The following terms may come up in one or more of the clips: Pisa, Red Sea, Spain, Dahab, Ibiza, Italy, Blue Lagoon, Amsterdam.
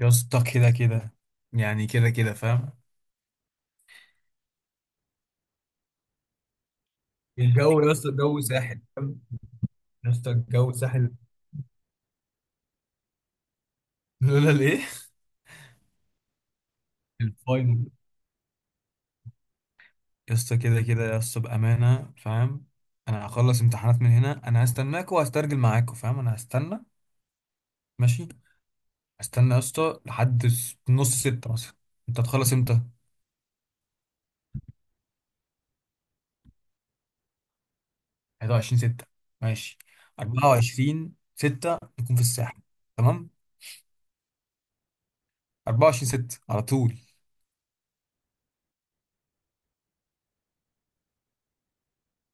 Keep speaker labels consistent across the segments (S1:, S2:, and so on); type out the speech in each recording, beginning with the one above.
S1: يا اسطى كده كده يعني كده كده فاهم. الجو يا اسطى الجو ساحل فاهم؟ يا اسطى الجو ساحل. لولا الايه، الفاينل. يا اسطى كده كده يا اسطى بامانه فاهم. انا هخلص امتحانات من هنا، انا هستناكوا وهسترجل معاكوا فاهم، انا هستنى. ماشي. هستنى يا اسطى لحد نص ستة مثلا. انت هتخلص امتى؟ 21 ستة. ماشي. 24 ستة نكون في الساحل. تمام. 24 ستة على طول.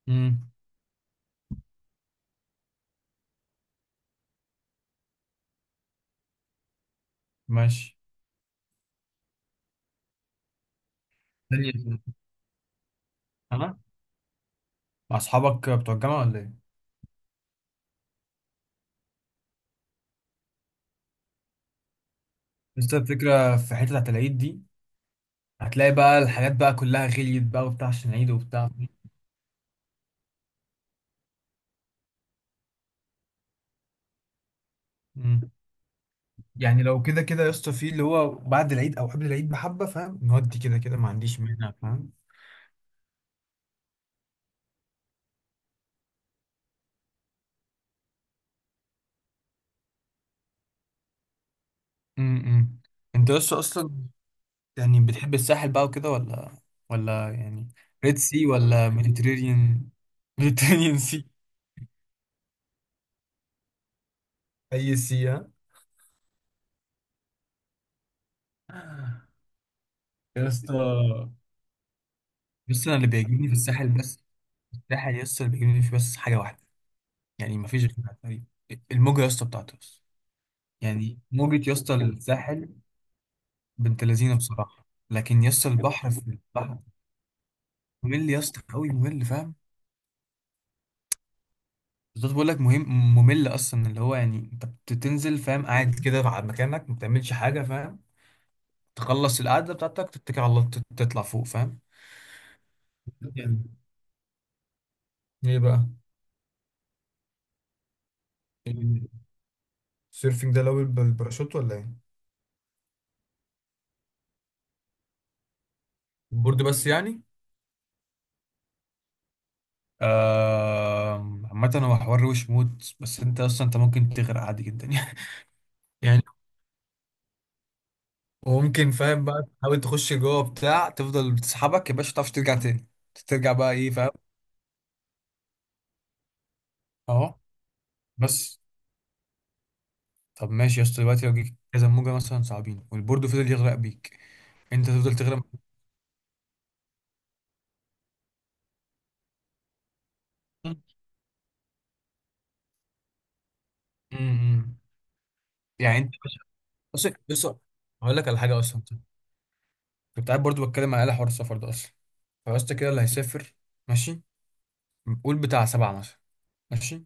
S1: امم. ماشي. ثانية، مع اصحابك بتوع الجامعه ولا ايه؟ بس الفكره في حته بتاعت العيد دي، هتلاقي بقى الحاجات بقى كلها غليت بقى وبتاع عشان العيد وبتاع. مم. يعني لو كده كده يا اسطى في اللي هو بعد العيد او قبل العيد بحبه فاهم، نودي كده كده، ما عنديش مانع فاهم. امم. انت يا اسطى اصلا يعني بتحب الساحل بقى وكده ولا، ولا يعني ريد سي ولا ميديتيرينيان؟ ميديتيرينيان سي. اي سي ها. يا اسطى بص، اللي بيعجبني في الساحل بس، الساحل يا اسطى اللي بيعجبني فيه بس حاجه واحده، يعني ما فيش غيرها تقريبا. الموجة يا اسطى بتاعته بس. يعني موجة يا اسطى الساحل بنت لذينه بصراحة، لكن يا اسطى البحر في البحر ممل يا اسطى قوي ممل فاهم. بالظبط، بقول لك مهم ممل اصلا، اللي هو يعني انت بتنزل فاهم، قاعد كده على مكانك ما بتعملش حاجة فاهم. تخلص القعدة بتاعتك، تتكل على الله، تطلع فوق فاهم. يعني ايه بقى؟ السيرفنج ده لو بالباراشوت ولا ايه؟ البورد بس يعني. آه، عامة هو حوار وش موت، بس انت اصلا انت ممكن تغرق عادي جدا. يعني وممكن فاهم بقى تحاول تخش جوه بتاع، تفضل بتسحبك يا باشا متعرفش ترجع تاني. ترجع بقى ايه فاهم. اهو. بس. طب ماشي يا اسطى، دلوقتي لو جيك كذا موجه مثلا صعبين والبورد فضل يغرق بيك، انت تفضل تغرق. مثلاً. امم. يعني انت، بص بص، هقول لك على حاجه اصلا. كنت قاعد برضو بتكلم على حوار السفر ده اصلا، فيا اسطى كده اللي هيسافر. ماشي. قول بتاع 7 مثلا. ماشي.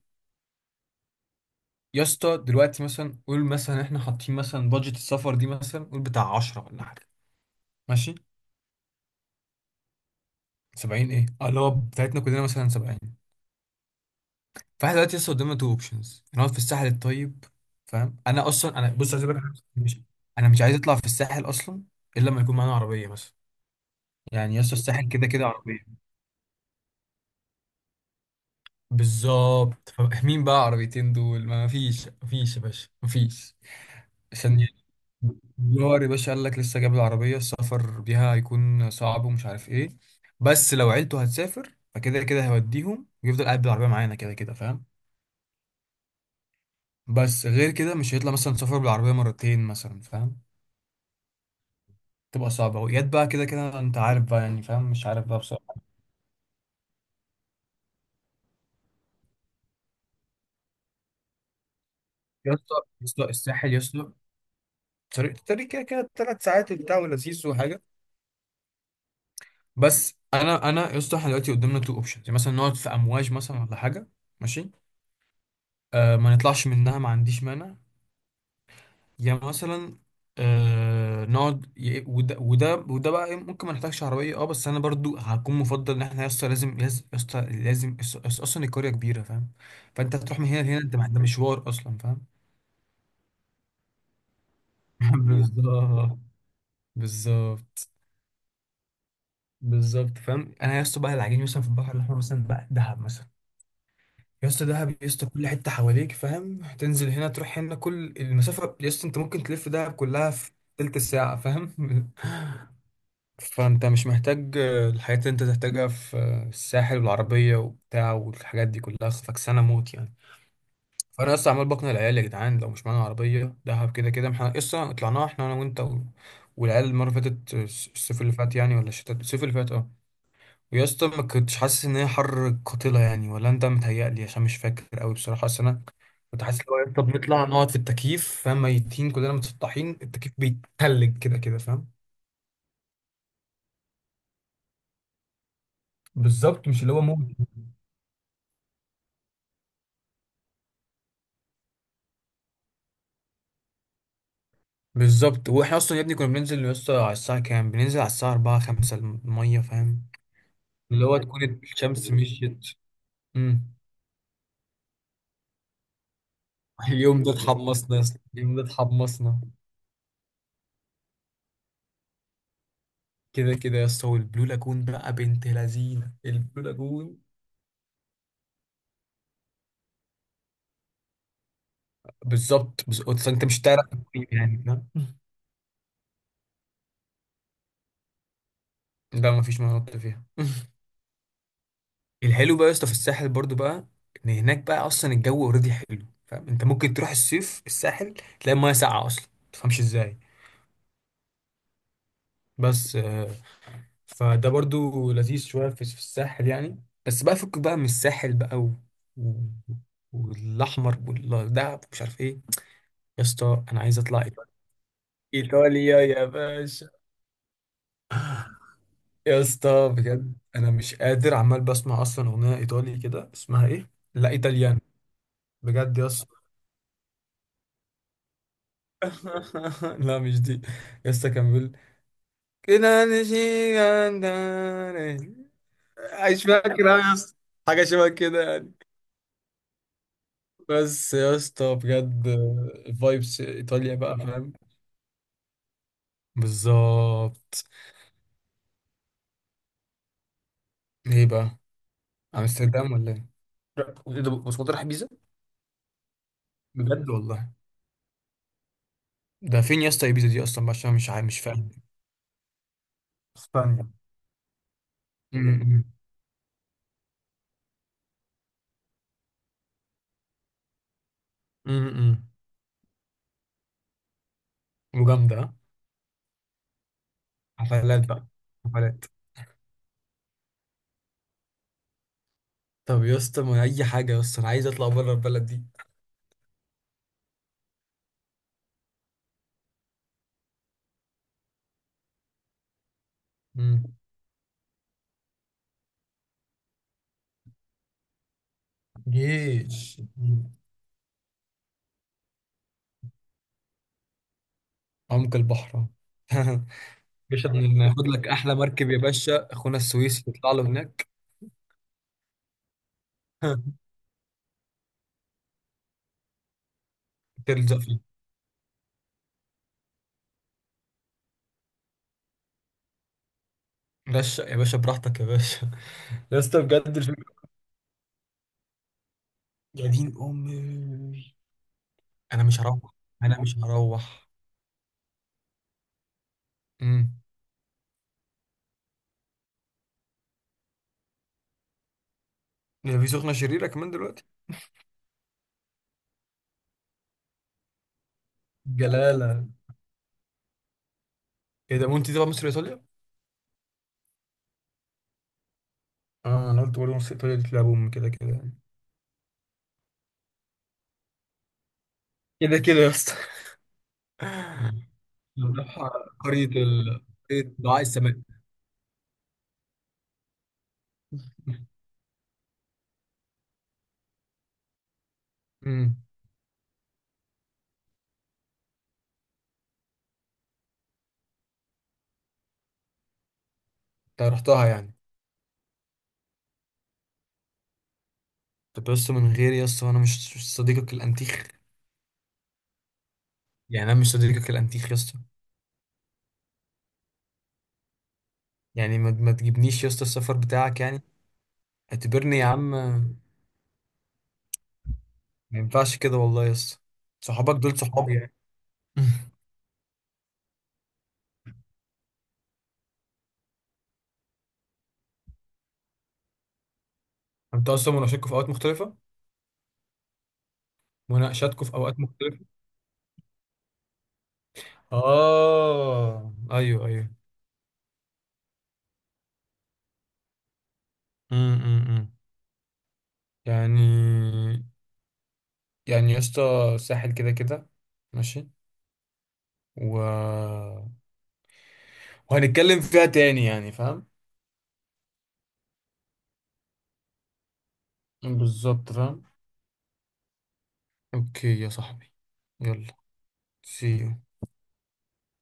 S1: يا اسطى دلوقتي مثلا قول مثلا احنا حاطين مثلا بادجت السفر دي، مثلا قول بتاع 10 ولا حاجه. ماشي. 70 ايه؟ اه، اللي هو بتاعتنا كلنا مثلا 70. فاحنا دلوقتي لسه قدامنا تو اوبشنز. نقعد في الساحل الطيب فاهم، انا اصلا بص عايز أقول لك حاجة، مش انا مش عايز اطلع في الساحل اصلا، الا لما يكون معانا عربيه مثلا. يعني يس الساحل كده كده عربيه. بالظبط. فمين بقى عربيتين دول؟ ما فيش ما فيش يا باشا ما فيش. عشان دولار يا باشا قال لك لسه جاب العربيه، السفر بيها هيكون صعب ومش عارف ايه. بس لو عيلته هتسافر فكده كده هيوديهم ويفضل قاعد بالعربيه معانا كده كده فاهم. بس غير كده مش هيطلع مثلا سفر بالعربية مرتين مثلا فاهم. تبقى صعبة وياد بقى كده كده، انت عارف بقى يعني فاهم، مش عارف بقى بصراحة. يا اسطى يا اسطى الساحل يا اسطى، طريق طريق كده كده 3 ساعات وبتاع ولذيذ وحاجة. بس انا يا اسطى احنا دلوقتي قدامنا تو اوبشنز، مثلا نقعد في امواج مثلا ولا حاجة. ماشي. آه ما نطلعش منها، ما عنديش مانع، يعني مثلا آه نقعد وده وده وده بقى إيه، ممكن ما نحتاجش عربيه، اه. بس انا برضو هكون مفضل ان احنا يا اسطى لازم، يا اسطى لازم، اصلا القريه كبيره فاهم. فانت هتروح من هنا لهنا، انت ده مشوار اصلا فاهم. بالظبط. بالظبط. بالظبط فاهم. انا يا اسطى بقى العجين مثلا في البحر الاحمر مثلا بقى دهب مثلا، يا اسطى دهب يا اسطى كل حته حواليك فاهم، تنزل هنا تروح هنا كل المسافه يا اسطى انت ممكن تلف دهب كلها في تلت ساعه فاهم. فانت مش محتاج الحاجات اللي انت تحتاجها في الساحل، والعربية وبتاع والحاجات دي كلها فكسانة موت يعني. فانا لسه عمال بقنع العيال، يا جدعان لو مش معانا عربية دهب كده كده احنا لسه طلعناها، احنا انا وانت والعيال المرة اللي فاتت الصيف اللي فات يعني، ولا الشتاء؟ الصيف اللي فات، اه. ويا اسطى ما كنتش حاسس ان هي حر قاتلة يعني، ولا انت؟ متهيألي عشان مش فاكر قوي بصراحة، اصل انا كنت حاسس لو انت بنطلع نقعد في التكييف فاهم، ميتين كلنا متسطحين، التكييف بيتلج كده كده فاهم. بالظبط، مش اللي هو موت. بالظبط واحنا اصلا يا ابني كنا بننزل يا اسطى على الساعه كام؟ بننزل على الساعه 4 5 الميه فاهم، اللي هو تكون الشمس مشيت. امم. اليوم ده اتحمصنا يا اسطى، اليوم ده اتحمصنا. كده كده يا اسطى. والبلو لاجون بقى بنت لذينه البلو لاجون. بالظبط بالظبط. أصلاً انت مش هتعرف تقيم يعني فاهم، ده مفيش مناطق فيها. الحلو بقى يا اسطى في الساحل برضو بقى، ان هناك بقى اصلا الجو اوريدي حلو فاهم، انت ممكن تروح الصيف الساحل تلاقي المايه ساقعه اصلا، ما تفهمش ازاي. بس فده برضو لذيذ شوية في الساحل يعني. بس بقى فك بقى من الساحل بقى و... والأحمر والدهب مش عارف إيه. يا اسطى أنا عايز أطلع إيطاليا. إيطاليا يا باشا. يا اسطى بجد أنا مش قادر، عمال بسمع أصلا أغنية إيطالي كده اسمها إيه؟ لا إيطاليان. بجد يا اسطى. لا مش دي. يا اسطى كان بيقول كده نشيل عندنا. مش فاكر أوي يا اسطى، حاجة شبه كده يعني. بس يا اسطى بجد فايبس ايطاليا بقى فاهم. بالظبط. ايه بقى؟ امستردام ولا؟ ايه ده؟ بس كنت رايح بيزا. بجد والله. ده فين يا اسطى ايبيزا دي اصلا بقى؟ عشان مش عارف مش فاهم. اسبانيا. امم. امم. وجامده ها؟ حفلات بقى، حفلات. طب يا اسطى ما اي حاجه يا اسطى، انا عايز اطلع بره البلد دي. امم. جيش. مم. عمق البحر. باش ناخد لك احلى مركب يا باشا، اخونا السويسي يطلع له هناك. ترز أب فيه. رشق يا باشا براحتك يا باشا. يا اسطى بجد الفيلم. يا دين أمي. أنا مش هروح. أنا مش هروح. امم. ده في سخنة شريرة كمان دلوقتي. جلاله. إيه ده وأنت تبع مصر إيطاليا؟ آه أنا قلت برضه مصر إيطاليا دي تلعب أم كده كده يعني. كده كده يا اسطى. نروح قرية ال، قرية دعاء السماء. امم. أنت رحتها يعني. طب يا اسطى من غير، يا اسطى أنا مش صديقك الأنتيخ يعني؟ أنا مش صديقك الأنتيخ يا اسطى. يعني ما تجيبنيش يا اسطى السفر بتاعك يعني. اعتبرني يا عم. ما ينفعش كده والله يا اسطى. صحابك دول صحابي يعني. انتوا اصلا مناقشاتكم في اوقات مختلفة. مناقشاتكم في اوقات مختلفة. اه ايوه ايوه. امم. امم. يعني، يعني يا اسطى الساحل كده كده. ماشي. و... وهنتكلم فيها تاني يعني فاهم. بالظبط فاهم. اوكي يا صاحبي. يلا. سي.